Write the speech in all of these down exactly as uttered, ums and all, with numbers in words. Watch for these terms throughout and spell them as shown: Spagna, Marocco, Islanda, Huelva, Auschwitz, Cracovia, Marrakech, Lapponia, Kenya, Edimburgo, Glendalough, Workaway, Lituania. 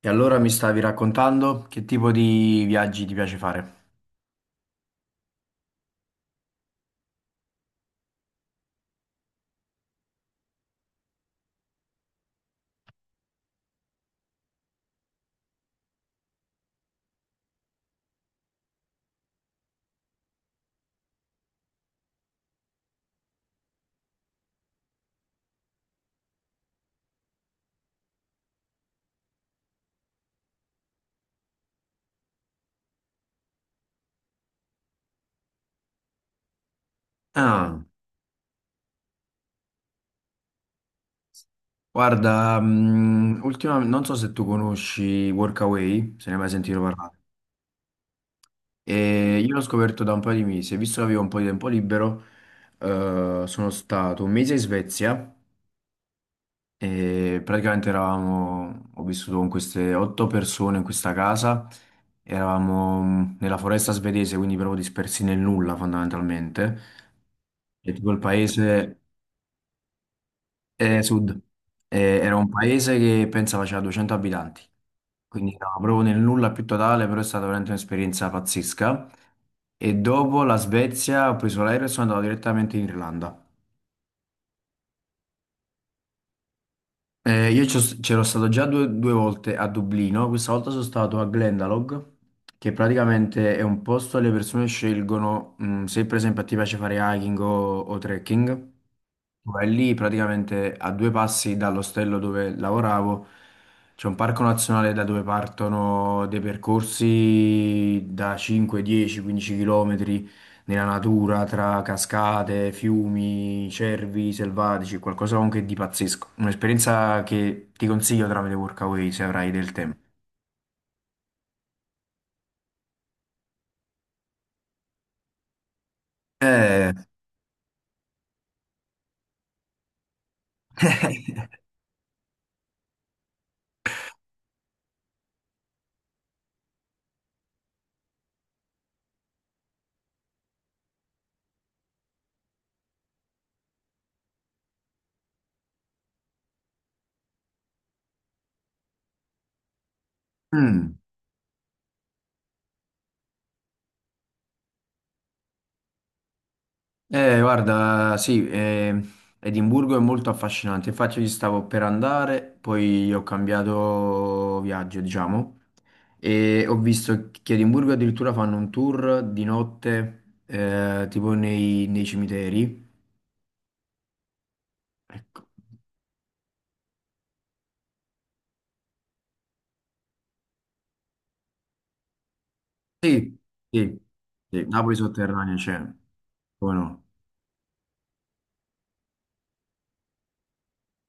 E allora mi stavi raccontando che tipo di viaggi ti piace fare? Ah, guarda, mh, ultima- non so se tu conosci Workaway, se ne hai mai sentito parlare. E io l'ho scoperto da un paio di mesi, e visto che avevo un po' di tempo libero, eh, sono stato un mese in Svezia e praticamente eravamo, ho vissuto con queste otto persone in questa casa, eravamo mh, nella foresta svedese, quindi proprio dispersi nel nulla fondamentalmente. E tipo il paese, eh, sud. Eh, era un paese che pensa faceva duecento abitanti, quindi era proprio nel nulla più totale, però è stata veramente un'esperienza pazzesca. E dopo la Svezia ho preso l'aereo e sono andato direttamente in Irlanda. Eh, io c'ho- c'ero stato già due, due volte a Dublino, questa volta sono stato a Glendalough, che praticamente è un posto dove le persone scelgono, mh, se per esempio ti piace fare hiking o, o trekking. Vai lì praticamente a due passi dall'ostello dove lavoravo. C'è un parco nazionale da dove partono dei percorsi da cinque, dieci, quindici chilometri nella natura tra cascate, fiumi, cervi selvatici, qualcosa comunque di pazzesco. Un'esperienza che ti consiglio tramite Workaway se avrai del tempo. Eh. Mm. Eh, guarda, sì, eh, Edimburgo è molto affascinante, infatti io ci stavo per andare, poi ho cambiato viaggio, diciamo, e ho visto che a Edimburgo addirittura fanno un tour di notte, eh, tipo nei, nei cimiteri. Ecco. Sì, sì, sì, Napoli sotterranea c'è, come no?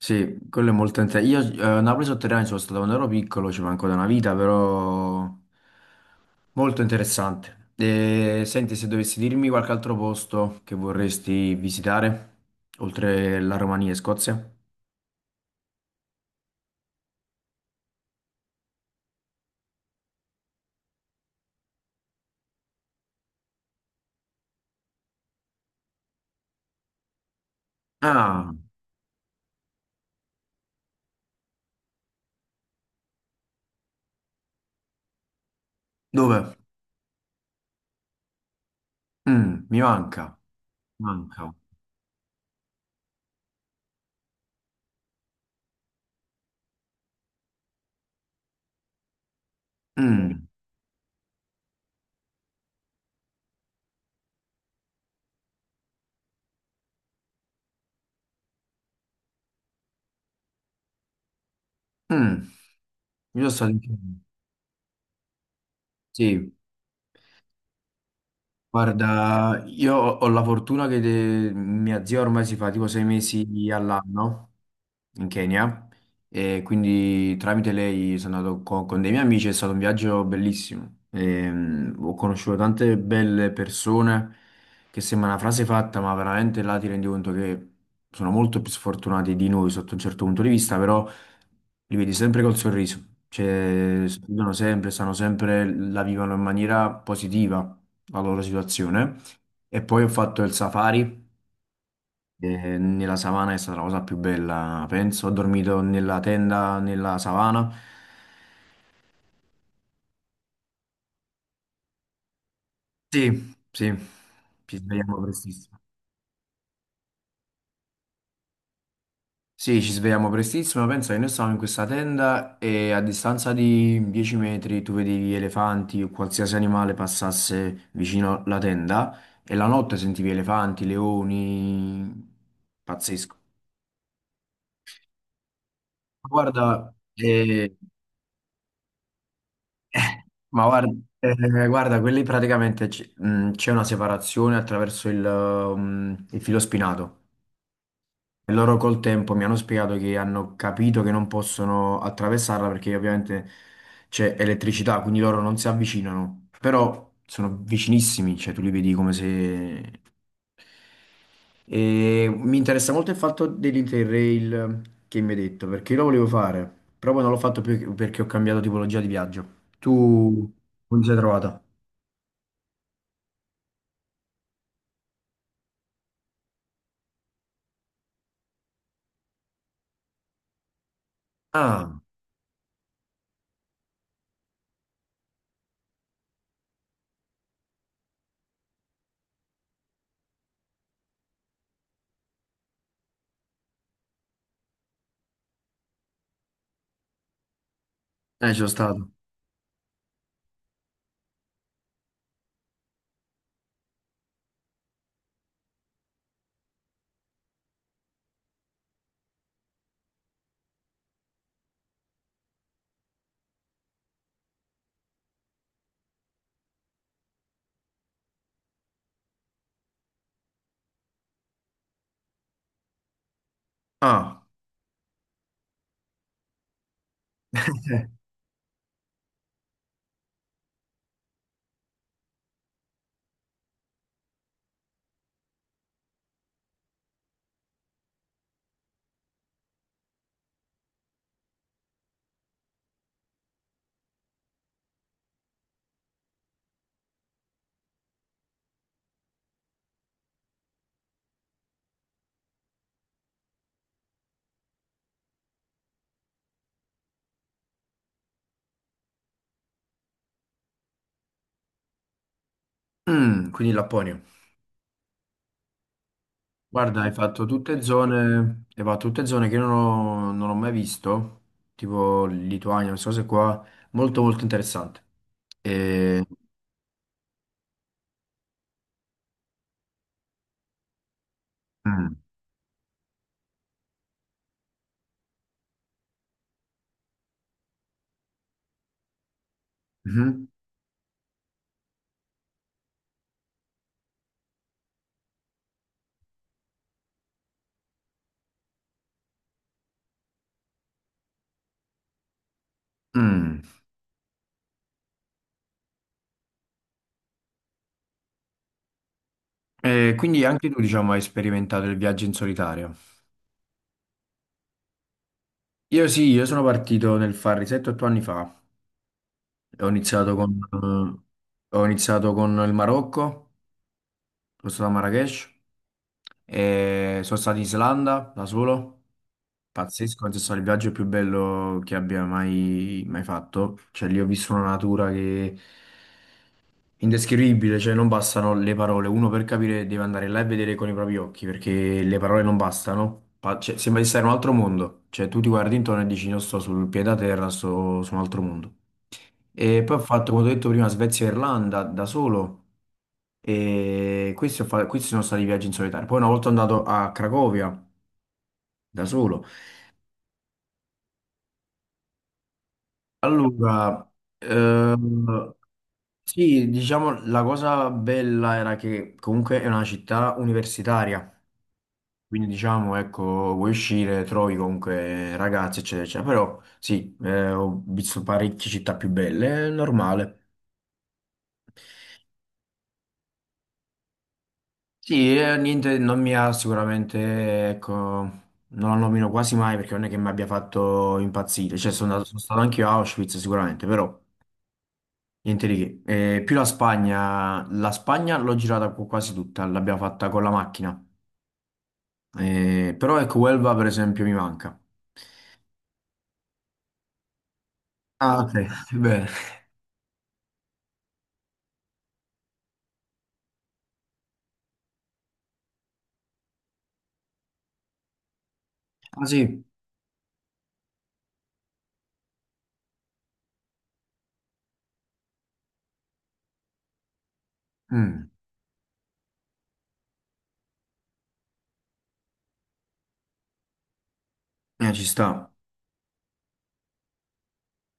Sì, quello è molto interessante. Io eh, a Napoli sotterranea ci sono stato quando ero piccolo, ci manco da una vita, però molto interessante. E, senti, se dovessi dirmi qualche altro posto che vorresti visitare, oltre la Romania e Scozia? Ah, dove? Mm, mi manca, manca. Mm, mm. Io sono stato in Kenya. Sì. Guarda, io ho ho la fortuna che de- mia zia ormai si fa tipo sei mesi all'anno in Kenya e quindi tramite lei sono andato co- con dei miei amici, è stato un viaggio bellissimo. Ehm, ho conosciuto tante belle persone, che sembra una frase fatta, ma veramente là ti rendi conto che sono molto più sfortunati di noi sotto un certo punto di vista, però li vedi sempre col sorriso, cioè sorridono sempre, stanno sempre, la vivono in maniera positiva la loro situazione. E poi ho fatto il safari, eh, nella savana è stata la cosa più bella, penso. Ho dormito nella tenda, nella savana. Sì, sì, ci svegliamo prestissimo. Sì, ci svegliamo prestissimo, pensa che noi stavamo in questa tenda e a distanza di dieci metri tu vedevi elefanti o qualsiasi animale passasse vicino alla tenda, e la notte sentivi elefanti, leoni, pazzesco. Ma guarda, eh, eh, ma guarda, eh, guarda, quelli praticamente c- mh, c'è una separazione attraverso il, mm, il filo spinato. E loro col tempo mi hanno spiegato che hanno capito che non possono attraversarla perché ovviamente c'è elettricità, quindi loro non si avvicinano, però sono vicinissimi, cioè tu li vedi come se. E mi interessa molto il fatto dell'Interrail che mi hai detto, perché io lo volevo fare, però poi non l'ho fatto più perché ho cambiato tipologia di viaggio. Tu come ti sei trovata? Ah, eh, ci sono stato. Ah, eh. Mm, quindi in Lapponia. Guarda, hai fatto tutte zone, hai fatto tutte zone che non ho, non ho mai visto, tipo Lituania, queste cose qua, molto molto interessante. E, Mm. Mhm. Mm. E quindi anche tu, diciamo, hai sperimentato il viaggio in solitario. Io sì, io sono partito nel Farri sette o otto anni fa, ho iniziato con, eh, ho iniziato con il Marocco, sono stato a Marrakech, e sono stato in Islanda da solo, pazzesco, penso sia stato il viaggio più bello che abbia mai, mai fatto, cioè lì ho visto una natura che indescrivibile, cioè non bastano le parole, uno per capire deve andare là e vedere con i propri occhi, perché le parole non bastano, Pa- cioè, sembra di stare in un altro mondo, cioè tu ti guardi intorno e dici non sto sul piede a terra, sto su un altro mondo. E poi ho fatto, come ho detto prima, Svezia e Irlanda da solo. E questi, ho fa- questi sono stati viaggi in solitario. Poi una volta andato a Cracovia da solo. Allora, ehm, sì, diciamo la cosa bella era che comunque è una città universitaria. Quindi diciamo, ecco, vuoi uscire, trovi comunque ragazzi, eccetera, eccetera. Però sì, eh, ho visto parecchie città più belle, è normale. Sì, eh, niente, non mi ha sicuramente, ecco, non lo nomino quasi mai perché non è che mi abbia fatto impazzire, cioè sono andato, sono stato anche io a Auschwitz sicuramente, però niente di che. Eh, più la Spagna, la Spagna l'ho girata qu- quasi tutta, l'abbiamo fatta con la macchina. Eh, però ecco, Huelva per esempio mi manca. Ah, ok, bene. Ah sì, mm, eh, ci sta.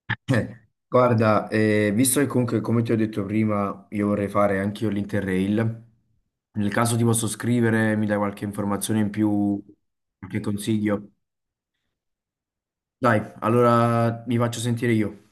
Eh, Guarda, eh, visto che comunque, come ti ho detto prima, io vorrei fare anch'io l'Interrail, nel caso ti posso scrivere, mi dai qualche informazione in più, qualche consiglio? Dai, allora mi faccio sentire io.